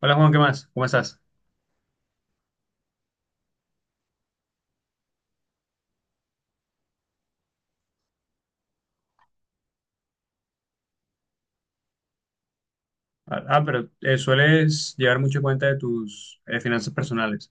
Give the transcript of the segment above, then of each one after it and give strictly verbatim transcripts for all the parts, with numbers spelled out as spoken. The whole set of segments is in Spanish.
Hola Juan, ¿qué más? ¿Cómo estás? Ah, ah, pero eh, sueles llevar mucho cuenta de tus eh, finanzas personales.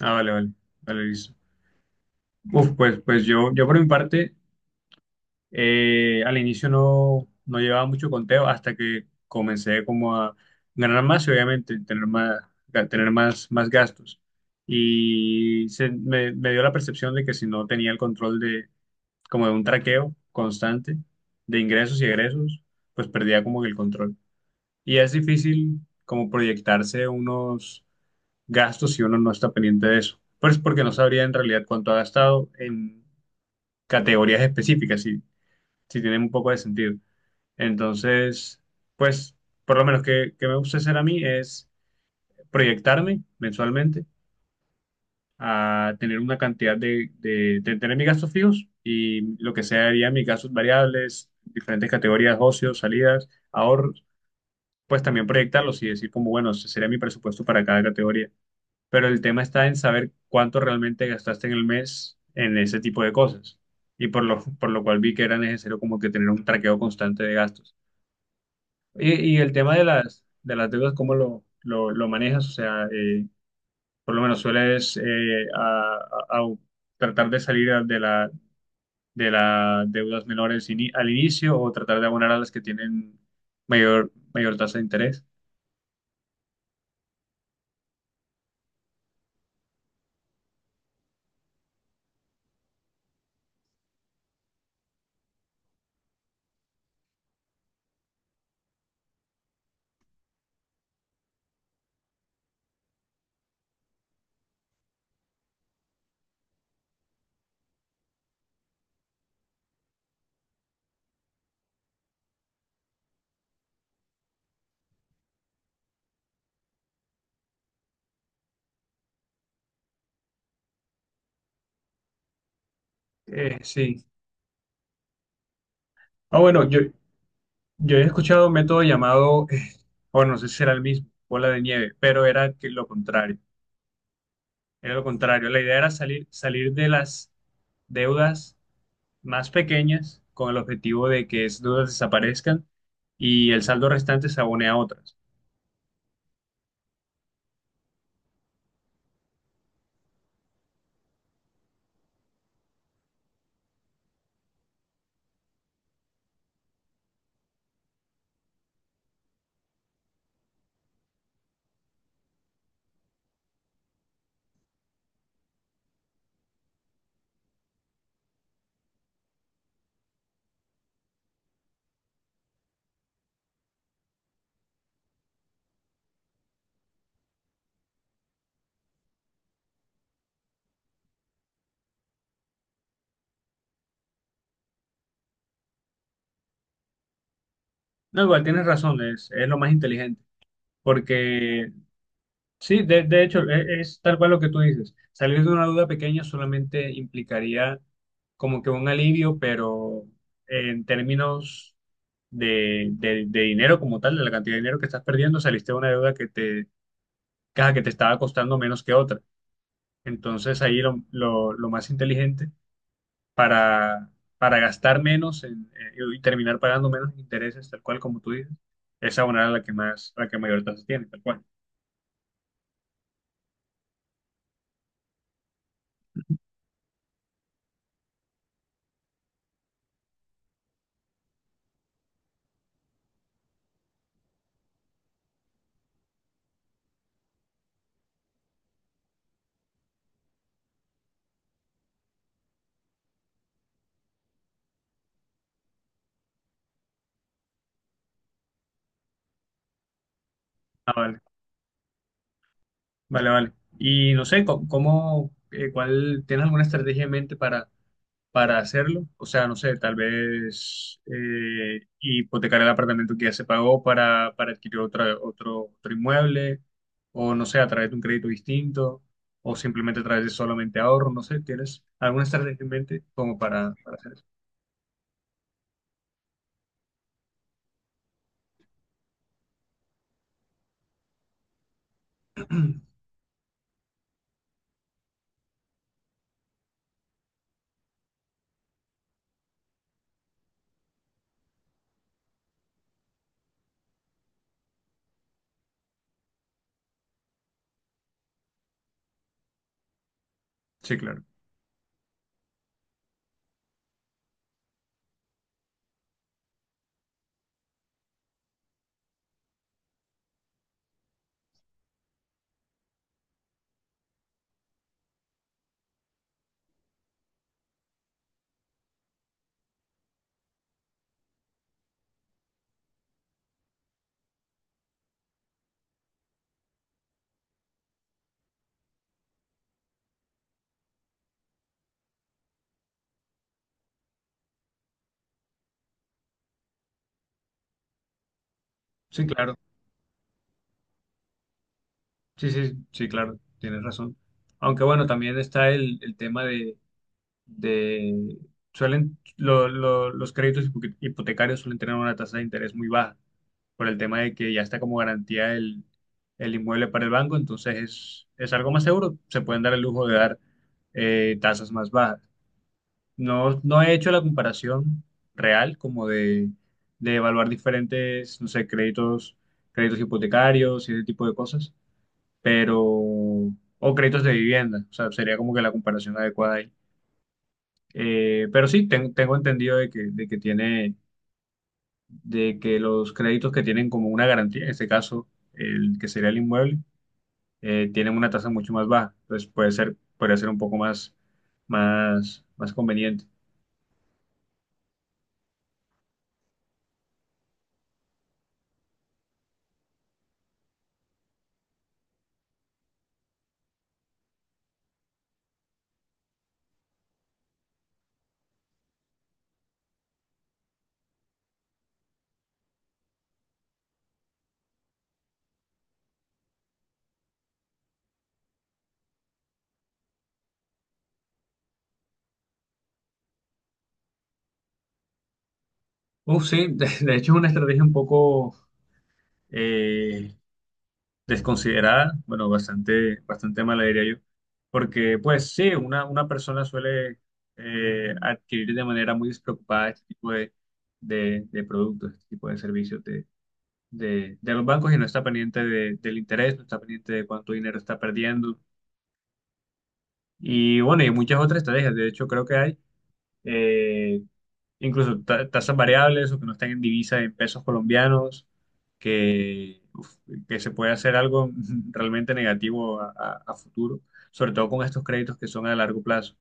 Ah, vale, vale, vale, listo. Uf, pues, pues yo, yo por mi parte, eh, al inicio no, no llevaba mucho conteo hasta que comencé como a ganar más y obviamente tener más, ga- tener más, más gastos. Y se, me, me dio la percepción de que si no tenía el control de, como de un traqueo constante de ingresos y egresos, pues perdía como que el control. Y es difícil como proyectarse unos gastos si uno no está pendiente de eso. Pues porque no sabría en realidad cuánto ha gastado en categorías específicas, si, si tienen un poco de sentido. Entonces, pues por lo menos que, que me gusta hacer a mí es proyectarme mensualmente a tener una cantidad de, de, de tener mis gastos fijos y lo que serían mis gastos variables, diferentes categorías, ocios, salidas, ahorros, pues también proyectarlos y decir como, bueno, ese sería mi presupuesto para cada categoría. Pero el tema está en saber cuánto realmente gastaste en el mes en ese tipo de cosas. Y por lo, por lo cual vi que era necesario como que tener un traqueo constante de gastos. Y, y el tema de las, de las deudas, ¿cómo lo, lo, lo manejas? O sea, eh, por lo menos sueles eh, a- a- a tratar de salir a- de la, de las deudas menores ini- al inicio o tratar de abonar a las que tienen mayor, mayor tasa de interés. Eh, sí. Ah, bueno, yo, Yo he escuchado un método llamado, eh, bueno, no sé si era el mismo, bola de nieve, pero era que lo contrario. Era lo contrario. La idea era salir, salir de las deudas más pequeñas con el objetivo de que esas deudas desaparezcan y el saldo restante se abone a otras. No, igual tienes razón, es, es lo más inteligente, porque sí, de, de hecho, e- es, tal cual lo que tú dices. Salir de una duda pequeña solamente implicaría como que un alivio, pero en términos de, de- de dinero como tal, de la cantidad de dinero que estás perdiendo, saliste de una deuda que te, caja que te estaba costando menos que otra. Entonces ahí lo, lo- lo más inteligente para, para gastar menos en- en- y terminar pagando menos intereses, tal cual como tú dices, es abonar a la que más, a la que mayor tasa tiene, tal cual. Vale, vale. Y no sé, co- ¿cómo, eh, cuál, tienes alguna estrategia en mente para, para hacerlo? O sea, no sé, tal vez eh, hipotecar el apartamento que ya se pagó para, para adquirir otra, otro, otro inmueble, o no sé, a través de un crédito distinto, o simplemente a través de solamente ahorro, no sé, ¿tienes alguna estrategia en mente como para, para hacer eso? Sí, claro. Sí, claro. Sí, sí, sí, claro, tienes razón. Aunque bueno, también está el, el tema de de, suelen, lo- lo- los créditos hipo- hipotecarios suelen tener una tasa de interés muy baja por el tema de que ya está como garantía el, el inmueble para el banco, entonces es, es algo más seguro, se pueden dar el lujo de dar eh, tasas más bajas. No, no he hecho la comparación real como de, de evaluar diferentes, no sé, créditos, créditos hipotecarios y ese tipo de cosas, pero, o créditos de vivienda, o sea, sería como que la comparación adecuada ahí. Eh, pero sí, ten- tengo entendido de que, de que tiene, de que los créditos que tienen como una garantía, en este caso, el que sería el inmueble, eh, tienen una tasa mucho más baja. Entonces puede ser, puede ser un poco más, más, más conveniente. Uf, sí, de, de hecho es una estrategia un poco eh, desconsiderada, bueno, bastante, bastante mala diría yo, porque pues sí, una, una persona suele eh, adquirir de manera muy despreocupada este tipo de, de, de productos, este tipo de servicios de, de los bancos y no está pendiente de- del interés, no está pendiente de cuánto dinero está perdiendo. Y bueno, y muchas otras estrategias, de hecho creo que hay eh, incluso ta- tasas variables o que no están en divisa en pesos colombianos, que, uf, que se puede hacer algo realmente negativo a, a- a futuro, sobre todo con estos créditos que son a largo plazo.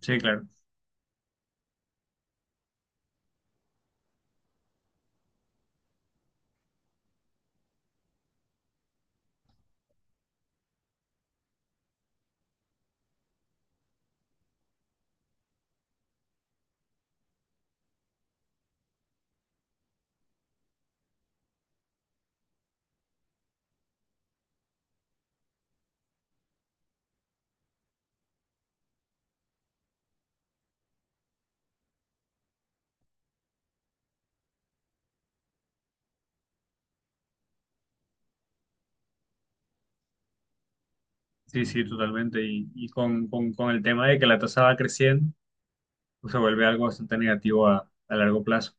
Sí, claro. Sí, sí, totalmente. Y, y con, con, con el tema de que la tasa va creciendo, pues se vuelve algo bastante negativo a a largo plazo.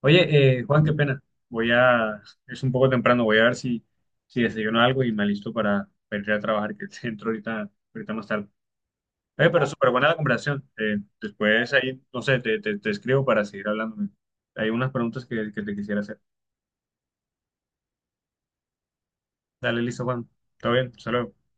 Oye, eh, Juan, qué pena. Voy a, es un poco temprano, voy a ver si, si desayuno algo y me alisto para, para ir a trabajar, que entro ahorita, ahorita más tarde. Oye, pero súper buena la conversación. Eh, después ahí, no sé, te, te, te escribo para seguir hablando. Hay unas preguntas que, que te quisiera hacer. Dale, listo, Juan. Todo bien, saludos.